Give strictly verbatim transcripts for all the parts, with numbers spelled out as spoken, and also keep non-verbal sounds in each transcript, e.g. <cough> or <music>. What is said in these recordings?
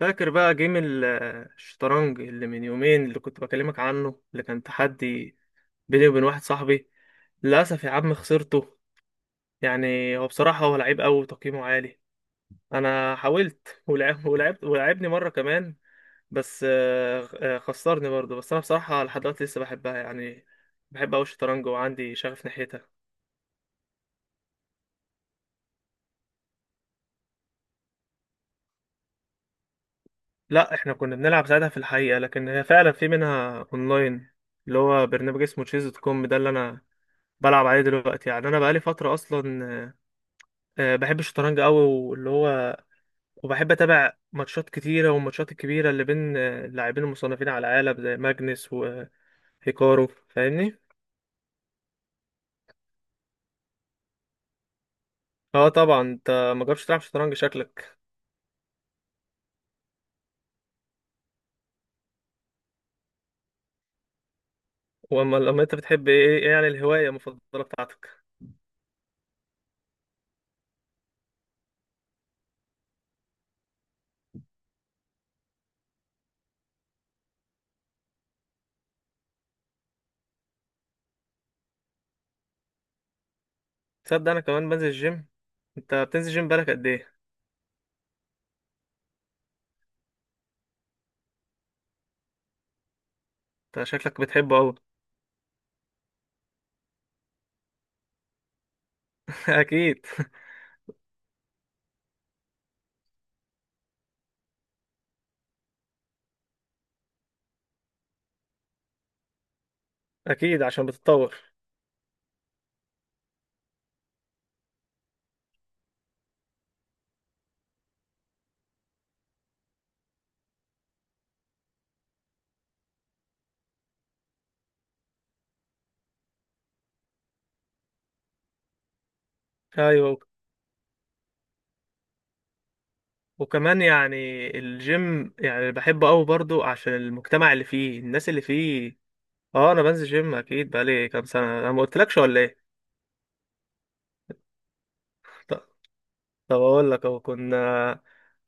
فاكر بقى جيم ال- الشطرنج اللي من يومين، اللي كنت بكلمك عنه، اللي كان تحدي بيني وبين واحد صاحبي. للأسف يا عم خسرته. يعني هو بصراحة هو لعيب أوي وتقييمه عالي. أنا حاولت ولعب <laughs> ولعبت، ولعبني مرة كمان. بس آه، آه، خسرني برضه. بس أنا بصراحة لحد دلوقتي لسه بحبها يعني. بحب أوي الشطرنج وعندي شغف ناحيتها. لا، احنا كنا بنلعب ساعتها في الحقيقة، لكن هي فعلا في منها اونلاين. اللي هو برنامج اسمه تشيز دوت كوم، ده اللي انا بلعب عليه دلوقتي. يعني انا بقالي فتره اصلا. آه، بحب الشطرنج قوي، واللي هو وبحب اتابع ماتشات كتيره، والماتشات الكبيره اللي بين آه، اللاعبين المصنفين على العالم زي ماجنس وهيكارو، فاهمني. اه طبعا. انت ما جربتش تلعب شطرنج شكلك. واما لما انت بتحب ايه، ايه يعني الهوايه المفضله بتاعتك؟ تصدق انا كمان بنزل الجيم. انت بتنزل جيم بالك قد ايه؟ انت شكلك بتحبه قوي. <laughs> اكيد. اكيد عشان بتتطور. ايوه. وكمان يعني الجيم يعني بحبه قوي برضو عشان المجتمع اللي فيه، الناس اللي فيه. اه انا بنزل جيم اكيد بقالي كام سنه، انا ما قلتلكش ولا ايه؟ ط- طب اقول لك اهو، كنا.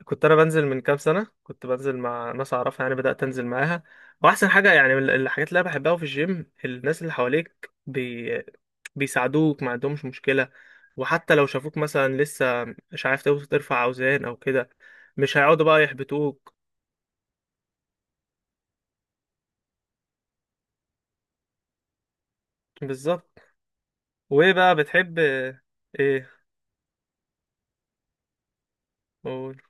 كنت انا بنزل من كام سنه، كنت بنزل مع ناس اعرفها، يعني بدات انزل معاها. واحسن حاجه يعني من الحاجات اللي انا بحبها أوي في الجيم، الناس اللي حواليك بي... بيساعدوك، ما عندهمش مشكله. وحتى لو شافوك مثلا لسه مش عارف ترفع اوزان او كده. مش هيقعدوا بقى يحبطوك. بالظبط. وايه بقى بتحب؟ ايه؟ قول.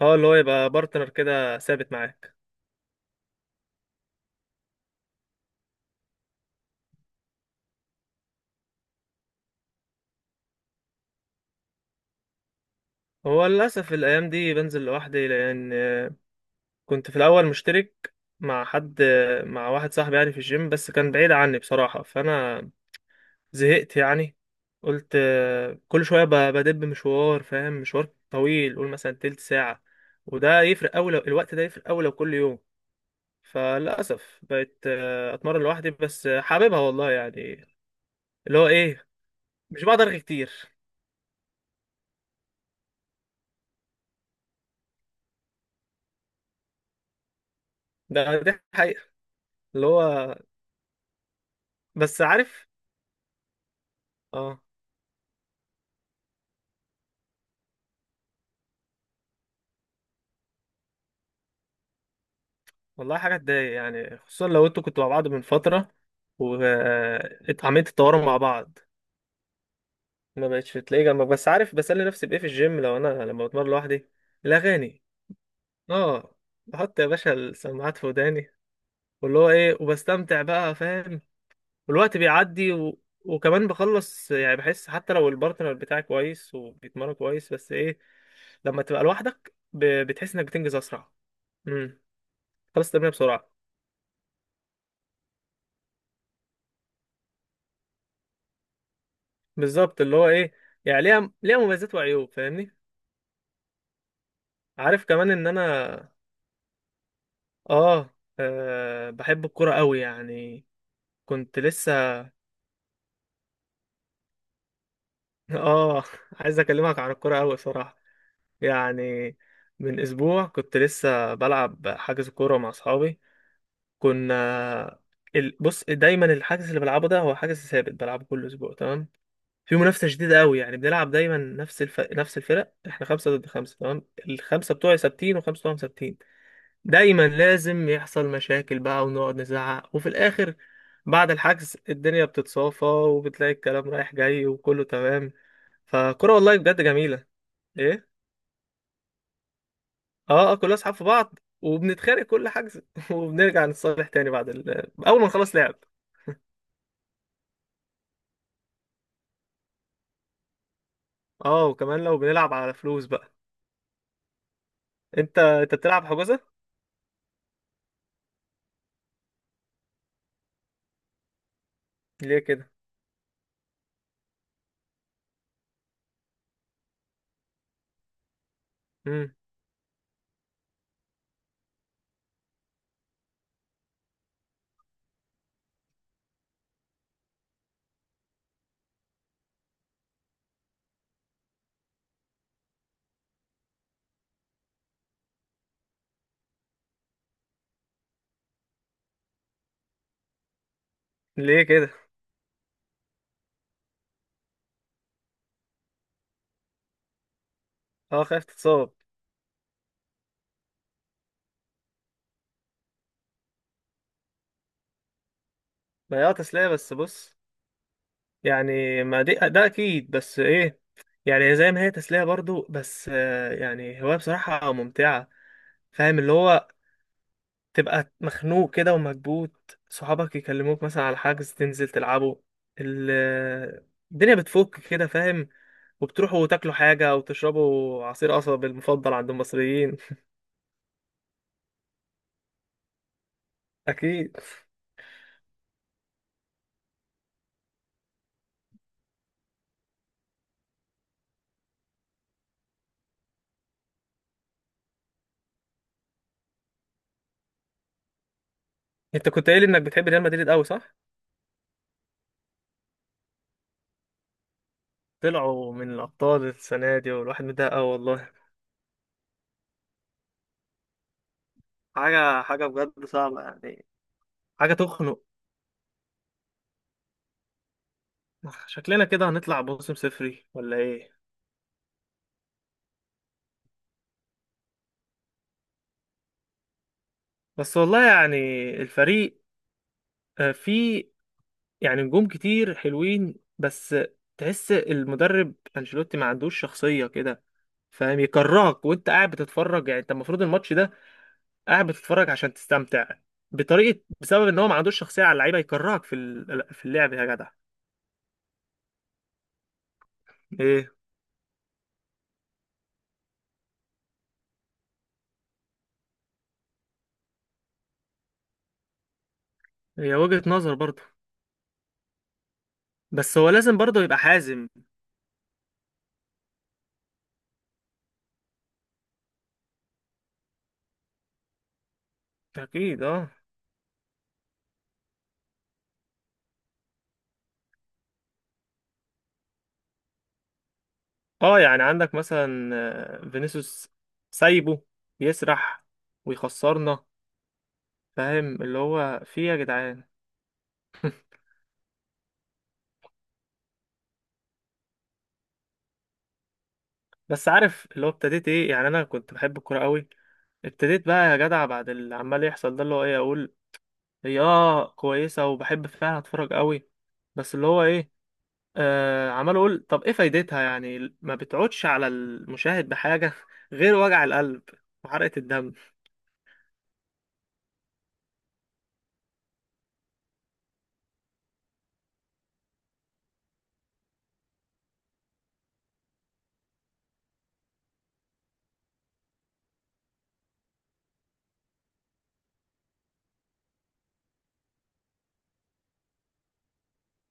اه، اللي هو يبقى بارتنر كده ثابت معاك. هو للاسف الايام دي بنزل لوحدي لان آه، كنت في الاول مشترك مع حد، آه، مع واحد صاحبي يعني في الجيم، بس كان بعيد عني بصراحة فانا زهقت يعني. قلت آه، كل شوية ب- بدب مشوار، فاهم؟ مشوار طويل، قول مثلا تلت ساعة. وده يفرق أوي لو الوقت، ده يفرق أوي لو كل يوم. فللأسف بقيت آه، أتمرن لوحدي، بس آه، حاببها والله يعني. اللي هو ايه. مش بقدر أرغي كتير. ده دي حقيقة. اللي هو. بس عارف. اه. والله حاجة تضايق يعني، خصوصا لو انتوا كنتوا مع بعض من فترة واتعملت التوارم مع بعض. ما بقتش تلاقي جنبك. بس عارف بسلي نفسي بإيه في الجيم لو أنا لما بتمرن لوحدي؟ الأغاني. اه. بحط يا باشا السماعات في وداني، واللي هو ايه، وبستمتع بقى، فاهم. والوقت بيعدي و... وكمان بخلص يعني. بحس حتى لو البارتنر بتاعي كويس وبيتمرن كويس بس ايه، لما تبقى لوحدك ب... بتحس انك بتنجز اسرع. امم. خلاص ترميها بسرعه. بالظبط. اللي هو ايه. يعني ليها ليها مميزات وعيوب، فاهمني. عارف كمان ان انا اه, آه بحب الكوره قوي يعني. كنت لسه <laughs> اه. عايز اكلمك عن الكوره قوي بصراحه. يعني من اسبوع كنت لسه بلعب، حجز كوره مع اصحابي. كنا. ال... بص، دايما الحجز اللي بلعبه ده هو حجز ثابت بلعبه كل اسبوع، تمام. في منافسه شديده قوي، يعني بنلعب دايما نفس الف... نفس الفرق. احنا خمسه ضد خمسه تمام. الخمسه بتوعي ثابتين، وخمسه بتوعهم ثابتين. دايما لازم يحصل مشاكل بقى ونقعد نزعق، وفي الاخر بعد الحجز الدنيا بتتصافى وبتلاقي الكلام رايح جاي وكله تمام. فكرة والله بجد جميله. ايه. اه، اه، كلنا اصحاب في بعض، وبنتخانق كل حجز <laughs> وبنرجع نتصالح تاني بعد ال... اول ما نخلص لعب. اه، وكمان لو بنلعب على فلوس بقى. انت انت بتلعب حجوزه؟ ليه كده؟ امم. ليه كده؟ اه، خايف تتصاب. ما هي اه تسلية، بس بص. يعني ما دي، ده اكيد بس ايه. يعني زي ما هي تسلية برضو، بس آه، يعني هواية بصراحة ممتعة. فاهم اللي هو، تبقى مخنوق كده ومكبوت، صحابك يكلموك مثلا على حجز تنزل تلعبوا. ال- الدنيا بتفك كده، فاهم. وبتروحوا تاكلوا حاجة أو تشربوا عصير قصب المفضل عند المصريين. <laughs> أكيد. أنت كنت قايل إنك بتحب ريال مدريد أوي صح؟ طلعوا من الأبطال السنة دي والواحد متضايق أوي والله. حاجة حاجة بجد صعبة يعني. حاجة تخنق. شكلنا كده هنطلع موسم صفري ولا ايه؟ بس والله يعني الفريق آه، فيه، يعني نجوم كتير حلوين، بس تحس المدرب انشيلوتي ما عندوش شخصية كده، فاهم، يكرهك وانت قاعد بتتفرج. يعني انت المفروض الماتش ده قاعد بتتفرج عشان تستمتع، بطريقة بسبب ان هو ما عندوش شخصية على اللعيبة يكرهك في ال- في اللعب يا جدع. ايه. هي وجهة نظر برضه، بس هو لازم برضه يبقى حازم. اكيد اه. اه، يعني عندك مثلا آه، فينيسيوس، سايبه بيسرح ويخسرنا. فاهم اللي هو في إيه يا جدعان؟ بس عارف اللي هو ابتديت ايه؟ يعني انا كنت بحب الكوره قوي. ابتديت بقى يا جدع بعد اللي عمال يحصل ده، اللي هو ايه اقول، هي اه كويسه وبحب فعلا اتفرج قوي، بس اللي هو ايه، آه عمال اقول طب ايه فايدتها؟ يعني ما بتعودش على المشاهد بحاجه <laughs> غير وجع القلب وحرقه الدم.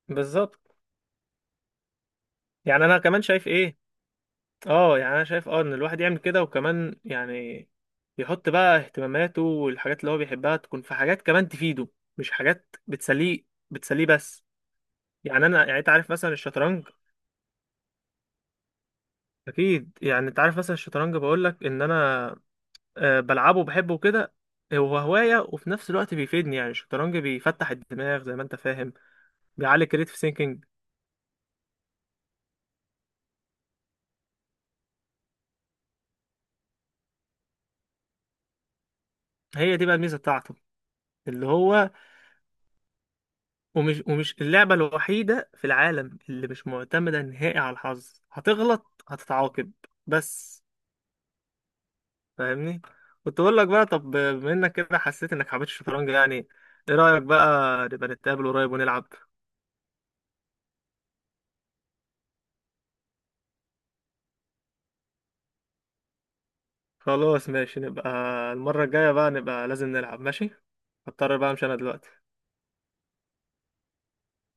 بالظبط. يعني انا كمان شايف ايه، اه، يعني انا شايف اه ان الواحد يعمل كده. وكمان يعني يحط بقى اهتماماته والحاجات اللي هو بيحبها تكون في حاجات كمان تفيده، مش حاجات بتسليه بتسليه بس. يعني انا، يعني انت عارف مثلا الشطرنج، اكيد. يعني انت عارف مثلا الشطرنج بقول لك ان انا آه، بلعبه وبحبه كده. هو هواية وفي نفس الوقت بيفيدني، يعني الشطرنج بيفتح الدماغ زي ما انت فاهم، بيعلي كريتيف ثينكينج. هي دي بقى الميزة بتاعته. اللي هو ومش ومش اللعبة الوحيدة في العالم اللي مش معتمدة نهائي على الحظ، هتغلط هتتعاقب. بس فاهمني، كنت بقول لك بقى، طب بما انك كده حسيت انك حبيت الشطرنج يعني، ايه رأيك بقى نبقى نتقابل قريب ونلعب؟ خلاص ماشي نبقى، المرة الجاية بقى نبقى لازم نلعب ماشي. هضطر بقى امشي انا دلوقتي.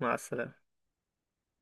مع السلامة.